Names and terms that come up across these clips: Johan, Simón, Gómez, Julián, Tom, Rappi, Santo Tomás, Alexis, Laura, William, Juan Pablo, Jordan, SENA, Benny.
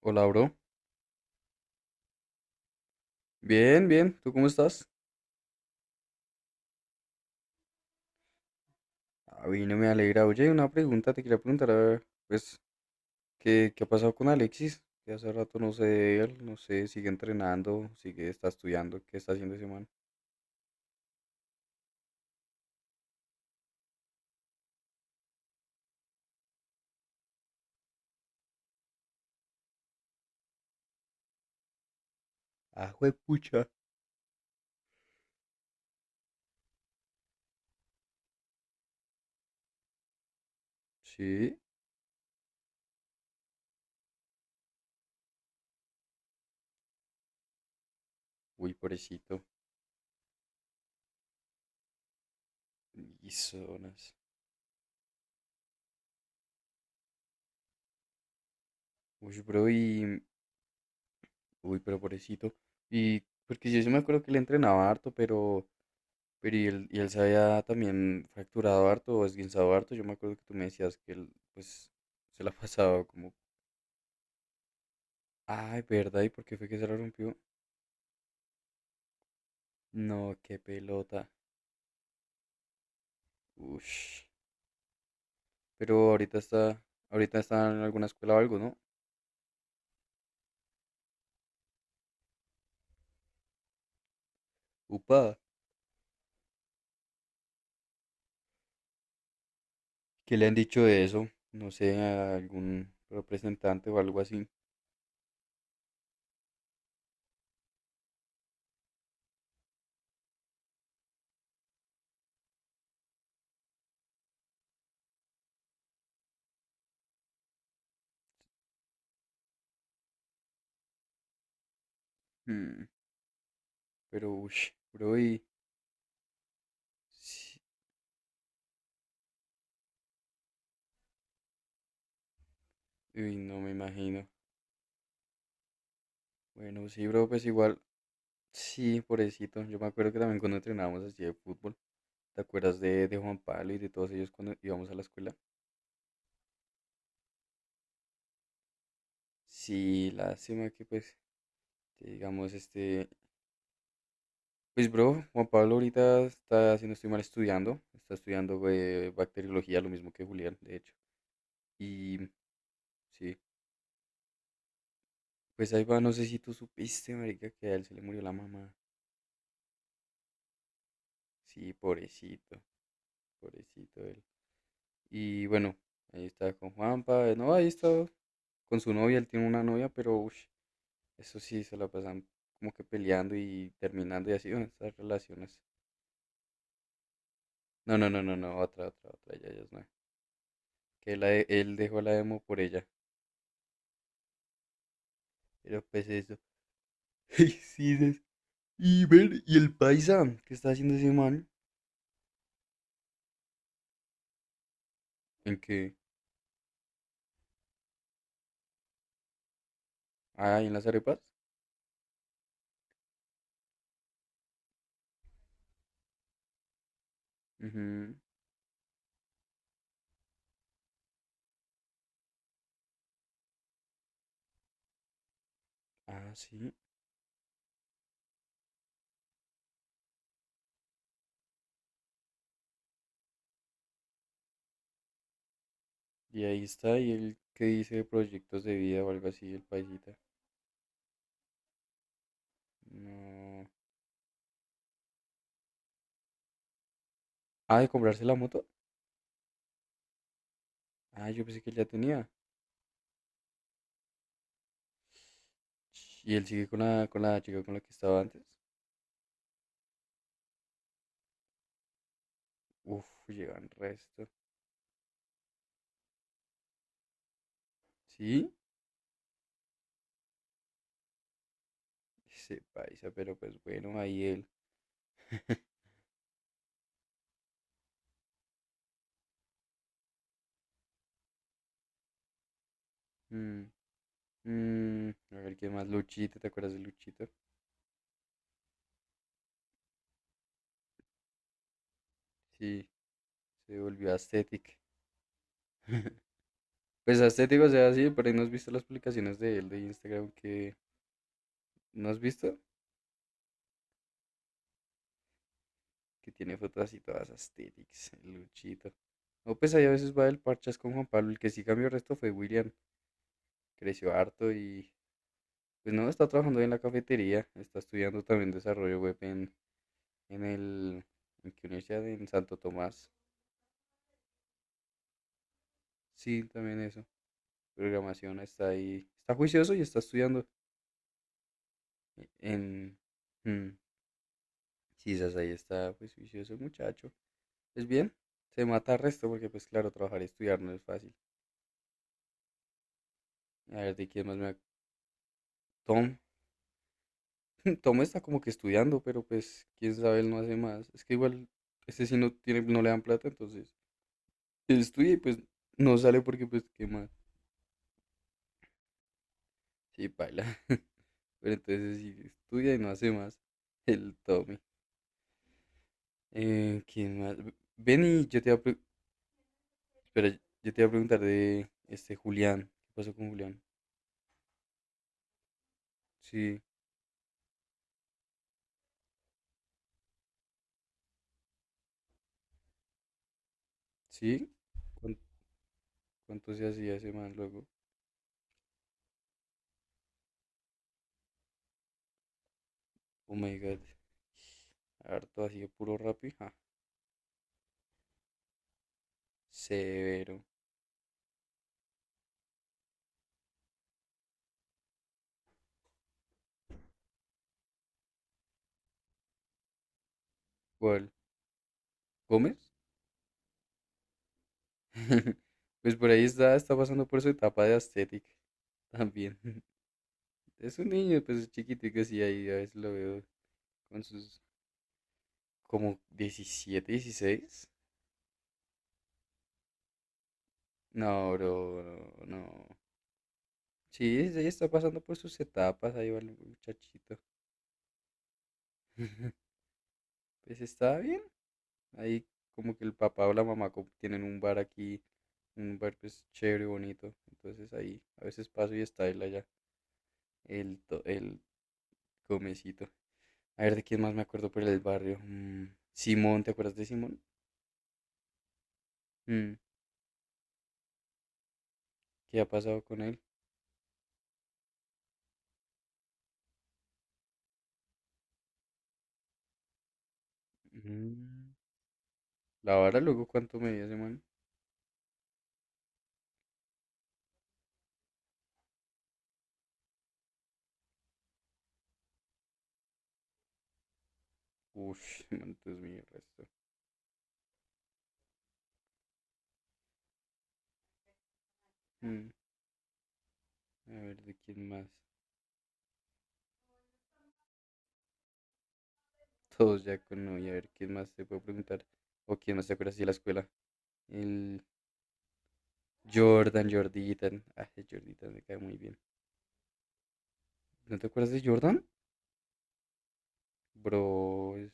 Hola, bro. Bien, bien. ¿Tú cómo estás? A mí no me alegra. Oye, una pregunta. Te quería preguntar, a ver, pues, ¿Qué ha pasado con Alexis? Que hace rato no sé de él. No sé, sigue entrenando, sigue, está estudiando. ¿Qué está haciendo ese man? Ah, juepucha. Sí. Uy, pobrecito. Y zonas. Uy, bro. Uy, pero pobrecito. Porque yo sí me acuerdo que le entrenaba harto, pero. Pero y él se había también fracturado harto o esguinzado harto. Yo me acuerdo que tú me decías que él, pues, se la pasaba como. Ay, ¿verdad? ¿Y por qué fue que se la rompió? No, qué pelota. Ush. Pero ahorita está en alguna escuela o algo, ¿no? Upa, ¿qué le han dicho de eso? No sé, a algún representante o algo así. Hmm. Pero ush, bro, y sí, uy, no me imagino. Bueno, sí, bro, pues igual, sí, pobrecito. Yo me acuerdo que también cuando entrenábamos así de fútbol, ¿te acuerdas de Juan Pablo y de todos ellos cuando íbamos a la escuela? Sí, lástima que pues, que digamos, este. Pues bro, Juan Pablo ahorita está, si no estoy mal, estudiando, está estudiando bacteriología, lo mismo que Julián, de hecho. Y sí, pues ahí va, no sé si tú supiste, marica, que a él se le murió la mamá. Sí, pobrecito, pobrecito él. Y bueno, ahí está con Juanpa, no, ahí está con su novia, él tiene una novia, pero ush, eso sí, se la pasan como que peleando y terminando y así, bueno, estas relaciones. No, no, no, no, no, otra, otra, otra, ya, ya es nueva. Que la de- él dejó la demo por ella, pero pues eso. Y sí, dices, y ver, y el paisa, ¿qué está haciendo ese man? ¿En qué? Ah, ¿y en las arepas? Ujú. Ah, sí. Y ahí está, y el que dice de proyectos de vida o algo así, el paisita. No. Ah, de comprarse la moto. Ah, yo pensé que él ya tenía. Ch. Y él sigue con la chica con la que estaba antes. Uf, llegan resto. Sí, ese paisa, pero pues bueno, ahí él. Mm, mm, a ver qué más, Luchito, ¿te acuerdas de Luchito? Sí, se volvió aesthetic. Pues estético, o sea, sí, por ahí no has visto las publicaciones de él de Instagram que no has visto, que tiene fotos así todas estéticas, el luchito. O pues ahí a veces va el parchas con Juan Pablo, el que sí cambió el resto fue William, creció harto y pues no, está trabajando en la cafetería, está estudiando también desarrollo web en el, en qué universidad, en Santo Tomás, sí, también eso, programación está ahí, está juicioso y está estudiando e, en, mm, sí, esas ahí está pues juicioso el muchacho. Pues bien, se mata el resto porque pues claro, trabajar y estudiar no es fácil. A ver, ¿de quién más me... ac-? Tom. Tom está como que estudiando, pero pues quién sabe, él no hace más. Es que igual, este sí no tiene, no le dan plata, entonces él estudia y pues no sale porque pues qué más. Sí, baila. Pero entonces sí, estudia y no hace más. El Tommy. ¿Quién más? B- Benny, yo te iba a, pre- espera, yo te iba a preguntar de este Julián. ¿Qué pasó con Julián? Sí, sí. ¿Cuán- ¿Cuánto se hacía ese man luego? Oh my god. Harto así de puro Rappi. Ja, severo. ¿Cuál? ¿Gómez? Pues por ahí está, está pasando por su etapa de aesthetic también. Es un niño, pues es chiquitico, sí, ahí a veces lo veo con sus como 17, 16. No, bro, no, no. Sí, ahí está pasando por sus etapas, ahí va el muchachito. Pues está bien. Ahí como que el papá o la mamá como tienen un bar aquí, un bar pues chévere, bonito. Entonces ahí a veces paso y está él allá. El, to- el comecito. A ver, ¿de quién más me acuerdo por el barrio? Mm, Simón, ¿te acuerdas de Simón? Mm, ¿qué ha pasado con él? Mm, la vara, luego, ¿cuánto medía ese man? Ush, ese man, Dios mío, resto. Mm, a ver, ¿de quién más? Todos ya con novia, a ver, ¿quién más te puedo preguntar? ¿O quién más te acuerdas de la escuela? El Jordan, Jorditan. Ah, el Jorditan me cae muy bien. ¿No te acuerdas de Jordan? Bro, es-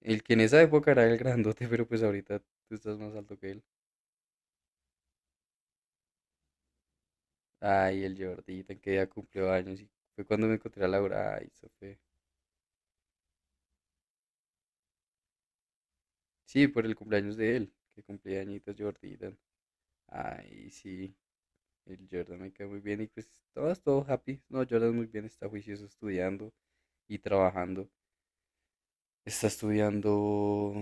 el que en esa época era el grandote, pero pues ahorita tú estás más alto que él. Ay, el Jordita, que ya cumplió años y fue cuando me encontré a Laura. Ay, eso fue. Sí, por el cumpleaños de él, que cumplía añitos Jordita. Ay, sí, el Jordan me cae muy bien y pues todo es todo happy. No, Jordan muy bien, está juicioso estudiando y trabajando. Está estudiando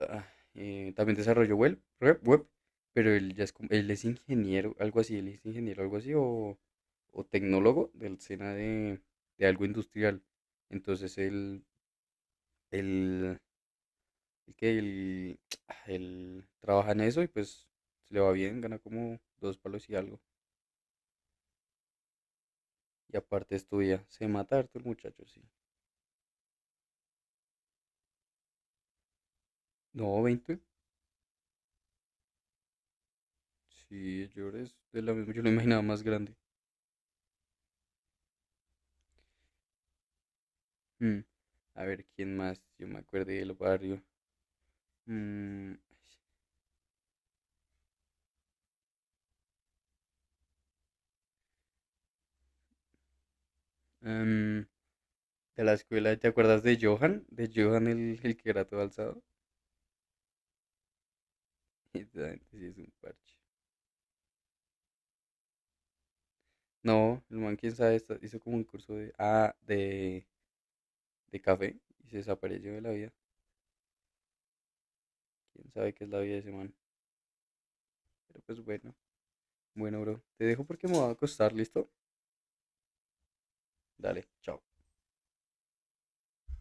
ah, también desarrollo web, pero él ya es, como- él es ingeniero, algo así, él es ingeniero, algo así, o tecnólogo del SENA de algo industrial. Entonces él Él, el que él, él trabaja en eso y pues le va bien, gana como dos palos y algo. Y aparte estudia, se mata harto el muchacho, sí. No, veinte. Sí, yo es de la misma, yo lo imaginaba más grande. Mm, a ver, ¿quién más? Yo me acuerdo del barrio. Mm, em, de la escuela, ¿te acuerdas de Johan? De Johan el que era todo alzado. Esa gente sí es un parche. No, el man, quién sabe, está- hizo como un curso de... Ah, de café y se desapareció de la vida. Quién sabe qué es la vida de ese man. Pero pues bueno, bueno, bro. Te dejo porque me voy a acostar, ¿listo? Dale, chao.